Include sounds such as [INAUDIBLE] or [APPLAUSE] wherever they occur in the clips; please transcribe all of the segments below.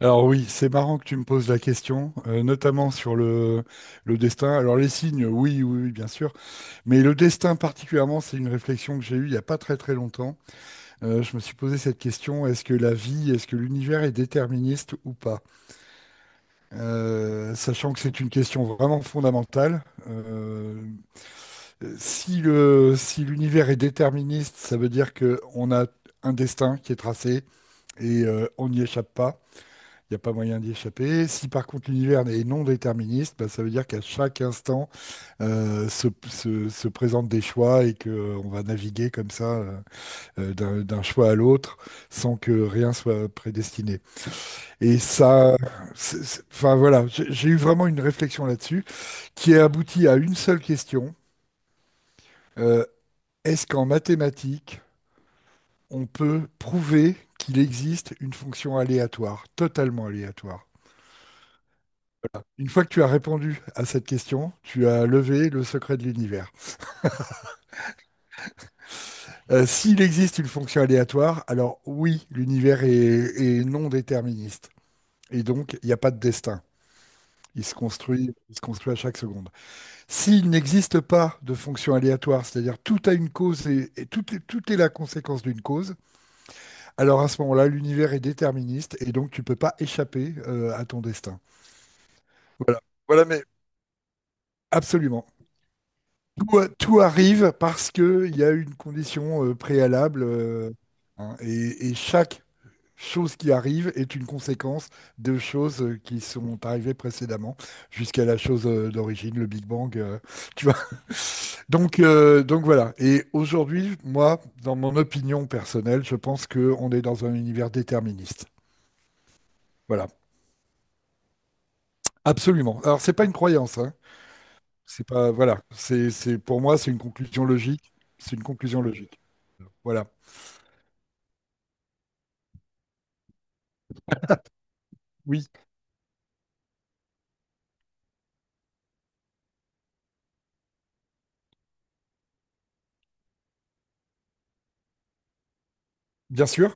Alors oui, c'est marrant que tu me poses la question, notamment sur le destin. Alors les signes, oui, oui, oui, bien sûr, mais le destin particulièrement, c'est une réflexion que j'ai eue il n'y a pas très très longtemps. Je me suis posé cette question, est-ce que la vie, est-ce que l'univers est déterministe ou pas? Sachant que c'est une question vraiment fondamentale. Si l'univers est déterministe, ça veut dire qu'on a un destin qui est tracé et on n'y échappe pas. Il n'y a pas moyen d'y échapper. Si par contre l'univers est non déterministe, bah, ça veut dire qu'à chaque instant se présentent des choix et qu'on va naviguer comme ça d'un choix à l'autre sans que rien soit prédestiné. Et ça, enfin voilà, j'ai eu vraiment une réflexion là-dessus qui a abouti à une seule question. Euh, Est-ce qu'en mathématiques, on peut prouver qu'il existe une fonction aléatoire, totalement aléatoire? Une fois que tu as répondu à cette question, tu as levé le secret de l'univers. S'il existe une fonction aléatoire, alors oui, l'univers est non déterministe. Et donc, il n'y a pas de destin. Il se construit à chaque seconde. S'il n'existe pas de fonction aléatoire, c'est-à-dire tout a une cause et tout est la conséquence d'une cause, alors à ce moment-là, l'univers est déterministe et donc tu ne peux pas échapper à ton destin. Voilà. Voilà, mais absolument. Tout arrive parce qu'il y a une condition préalable, hein, et chaque chose qui arrive est une conséquence de choses, qui sont arrivées précédemment jusqu'à la chose d'origine, le Big Bang. Tu vois. [LAUGHS] Donc voilà. Et aujourd'hui, moi, dans mon opinion personnelle, je pense qu'on est dans un univers déterministe. Voilà, absolument. Alors, c'est pas une croyance, hein. C'est pas, voilà. Pour moi, c'est une conclusion logique. C'est une conclusion logique. Voilà. Oui. Bien sûr,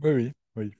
oui, oui, oui.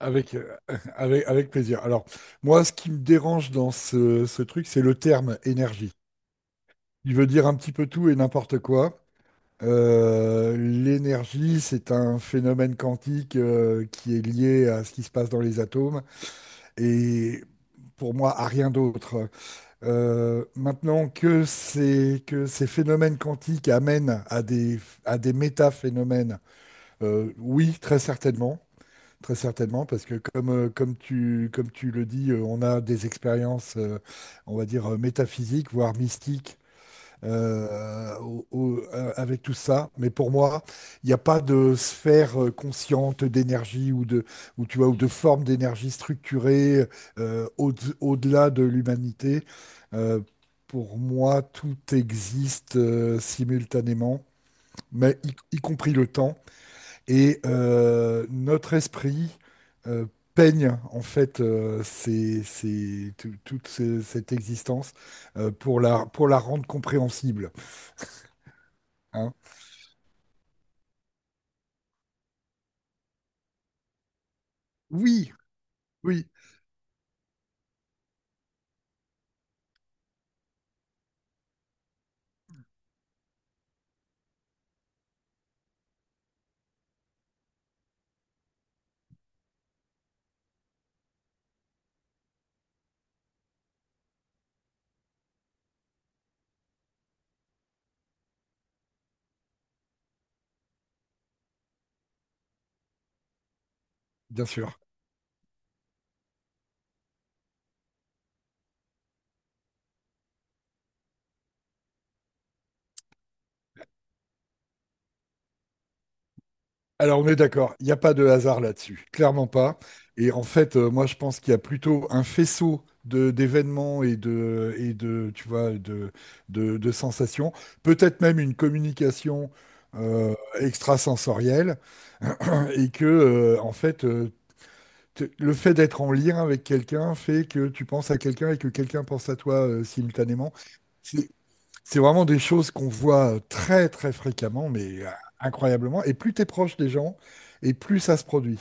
Avec, euh, [LAUGHS] avec plaisir. Alors, moi, ce qui me dérange dans ce truc, c'est le terme énergie. Il veut dire un petit peu tout et n'importe quoi. L'énergie, c'est un phénomène quantique qui est lié à ce qui se passe dans les atomes et pour moi à rien d'autre. Maintenant que ces, phénomènes quantiques amènent à des métaphénomènes, oui, très certainement. Très certainement, parce que comme tu le dis, on a des expériences, on va dire, métaphysiques, voire mystiques, avec tout ça. Mais pour moi, il n'y a pas de sphère consciente d'énergie tu vois, ou de forme d'énergie structurée, euh, au- au-delà de l'humanité. Euh, pour moi, tout existe simultanément, mais y compris le temps. Et notre esprit euh, peigne en fait cette existence, pour la rendre compréhensible. Hein. Oui, oui, bien sûr. Alors on est d'accord, il n'y a pas de hasard là-dessus, clairement pas. Et en fait, moi je pense qu'il y a plutôt un faisceau de d'événements et de, tu vois, de sensations, peut-être même une communication extrasensorielle, [CLEARS THROAT] et que en fait, le fait d'être en lien avec quelqu'un fait que tu penses à quelqu'un et que quelqu'un pense à toi, simultanément. C'est c'est vraiment des choses qu'on voit très très fréquemment, mais incroyablement. Et plus tu es proche des gens, et plus ça se produit,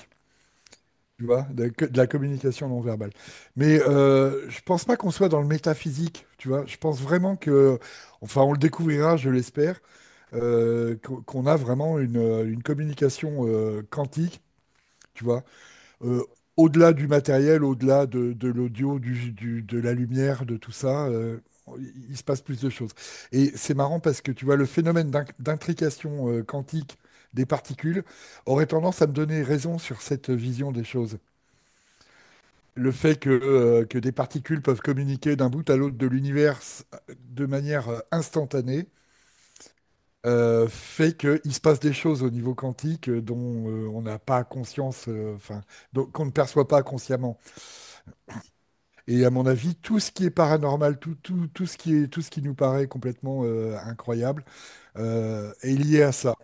tu vois, de la communication non verbale. Mais je pense pas qu'on soit dans le métaphysique, tu vois. Je pense vraiment que, enfin, on le découvrira, je l'espère, qu'on a vraiment une communication quantique. Tu vois, euh, au-delà du matériel, au-delà de l'audio, de la lumière, de tout ça, il se passe plus de choses. Et c'est marrant parce que tu vois, le phénomène d'intrication quantique des particules aurait tendance à me donner raison sur cette vision des choses. Le fait que des particules peuvent communiquer d'un bout à l'autre de l'univers, de manière, instantanée, fait qu'il se passe des choses au niveau quantique, dont, on n'a pas conscience, enfin, donc qu'on ne perçoit pas consciemment. Et à mon avis, tout ce qui est paranormal, tout ce qui nous paraît complètement incroyable est lié à ça.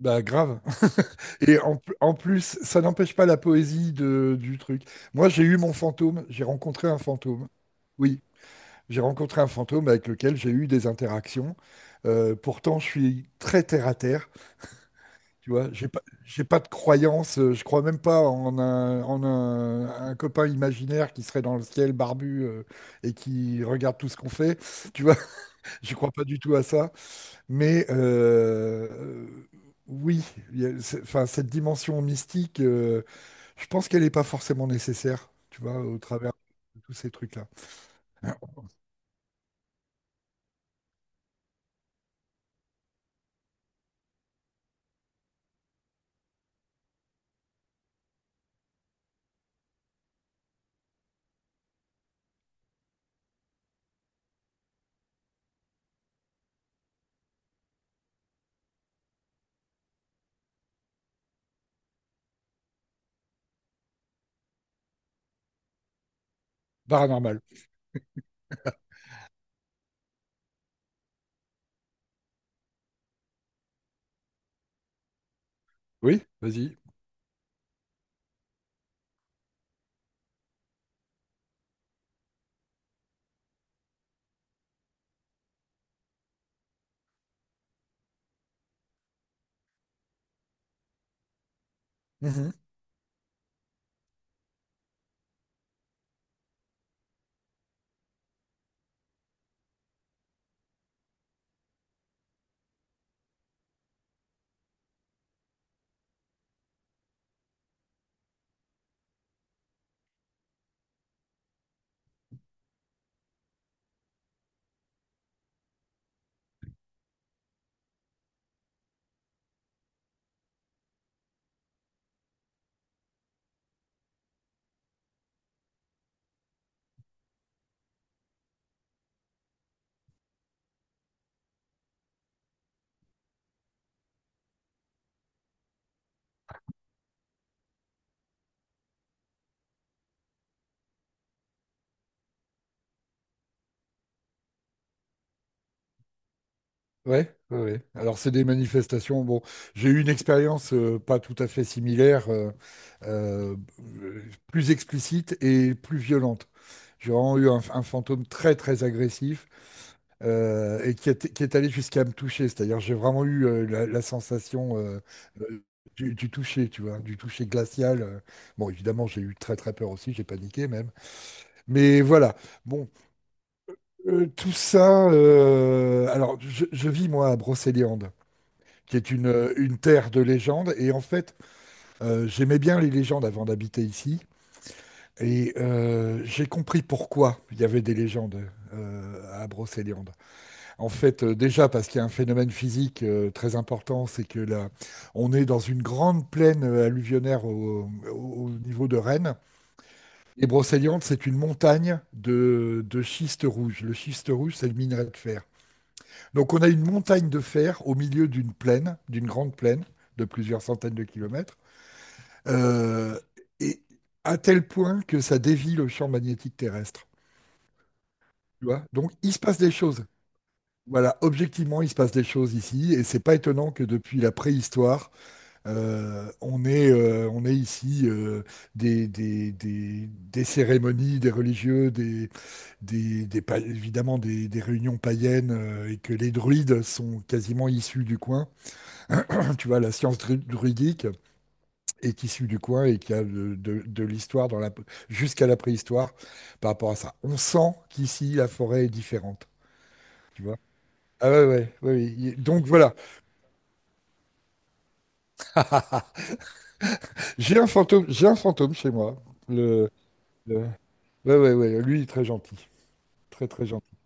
Bah grave. [LAUGHS] Et en plus, ça n'empêche pas la poésie du truc. Moi, j'ai eu mon fantôme, j'ai rencontré un fantôme. Oui, j'ai rencontré un fantôme avec lequel j'ai eu des interactions. Pourtant, je suis très terre-à-terre. Tu vois, j'ai pas de croyance, je crois même pas un copain imaginaire qui serait dans le ciel barbu, et qui regarde tout ce qu'on fait. Tu vois, [LAUGHS] je crois pas du tout à ça. Mais oui, il y a- c'est- enfin, cette dimension mystique, je pense qu'elle n'est pas forcément nécessaire, tu vois, au travers de tous ces trucs-là. Paranormal. Oui, vas-y. Mhm. Ouais, ouais, ouais. Alors c'est des manifestations. Bon, j'ai eu une expérience pas tout à fait similaire, euh, plus explicite et plus violente. J'ai vraiment eu un fantôme très très agressif, et qui est allé jusqu'à me toucher. C'est-à-dire j'ai vraiment eu, la, sensation, euh, du toucher, tu vois, du toucher glacial. Bon, évidemment j'ai eu très très peur aussi, j'ai paniqué même. Mais voilà. Bon, tout ça. Alors je vis moi à Brocéliande qui est une terre de légende. Et en fait, j'aimais bien les légendes avant d'habiter ici. Et j'ai compris pourquoi il y avait des légendes, à Brocéliande. En fait, déjà parce qu'il y a un phénomène physique très important, c'est que là, on est dans une grande plaine, alluvionnaire, au niveau de Rennes. Et Brocéliande, c'est une montagne de schiste rouge. Le schiste rouge, c'est le minerai de fer. Donc on a une montagne de fer au milieu d'une plaine, d'une grande plaine de plusieurs centaines de kilomètres. Euh, et à tel point que ça dévie le champ magnétique terrestre. Tu vois? Donc, il se passe des choses. Voilà, objectivement, il se passe des choses ici, et c'est pas étonnant que depuis la préhistoire, on est ici, des cérémonies, des religieux, évidemment des réunions païennes, et que les druides sont quasiment issus du coin. [CLEARS THROAT] Tu vois, la science druidique, est issu du coin et qui a de l'histoire jusqu'à la préhistoire par rapport à ça. On sent qu'ici, la forêt est différente, tu vois. Ah ouais, ouais, ouais, ouais. Donc voilà, j'ai un fantôme chez moi. Le, le- ouais, ouais, ouais, lui, il est très gentil. Très, très gentil.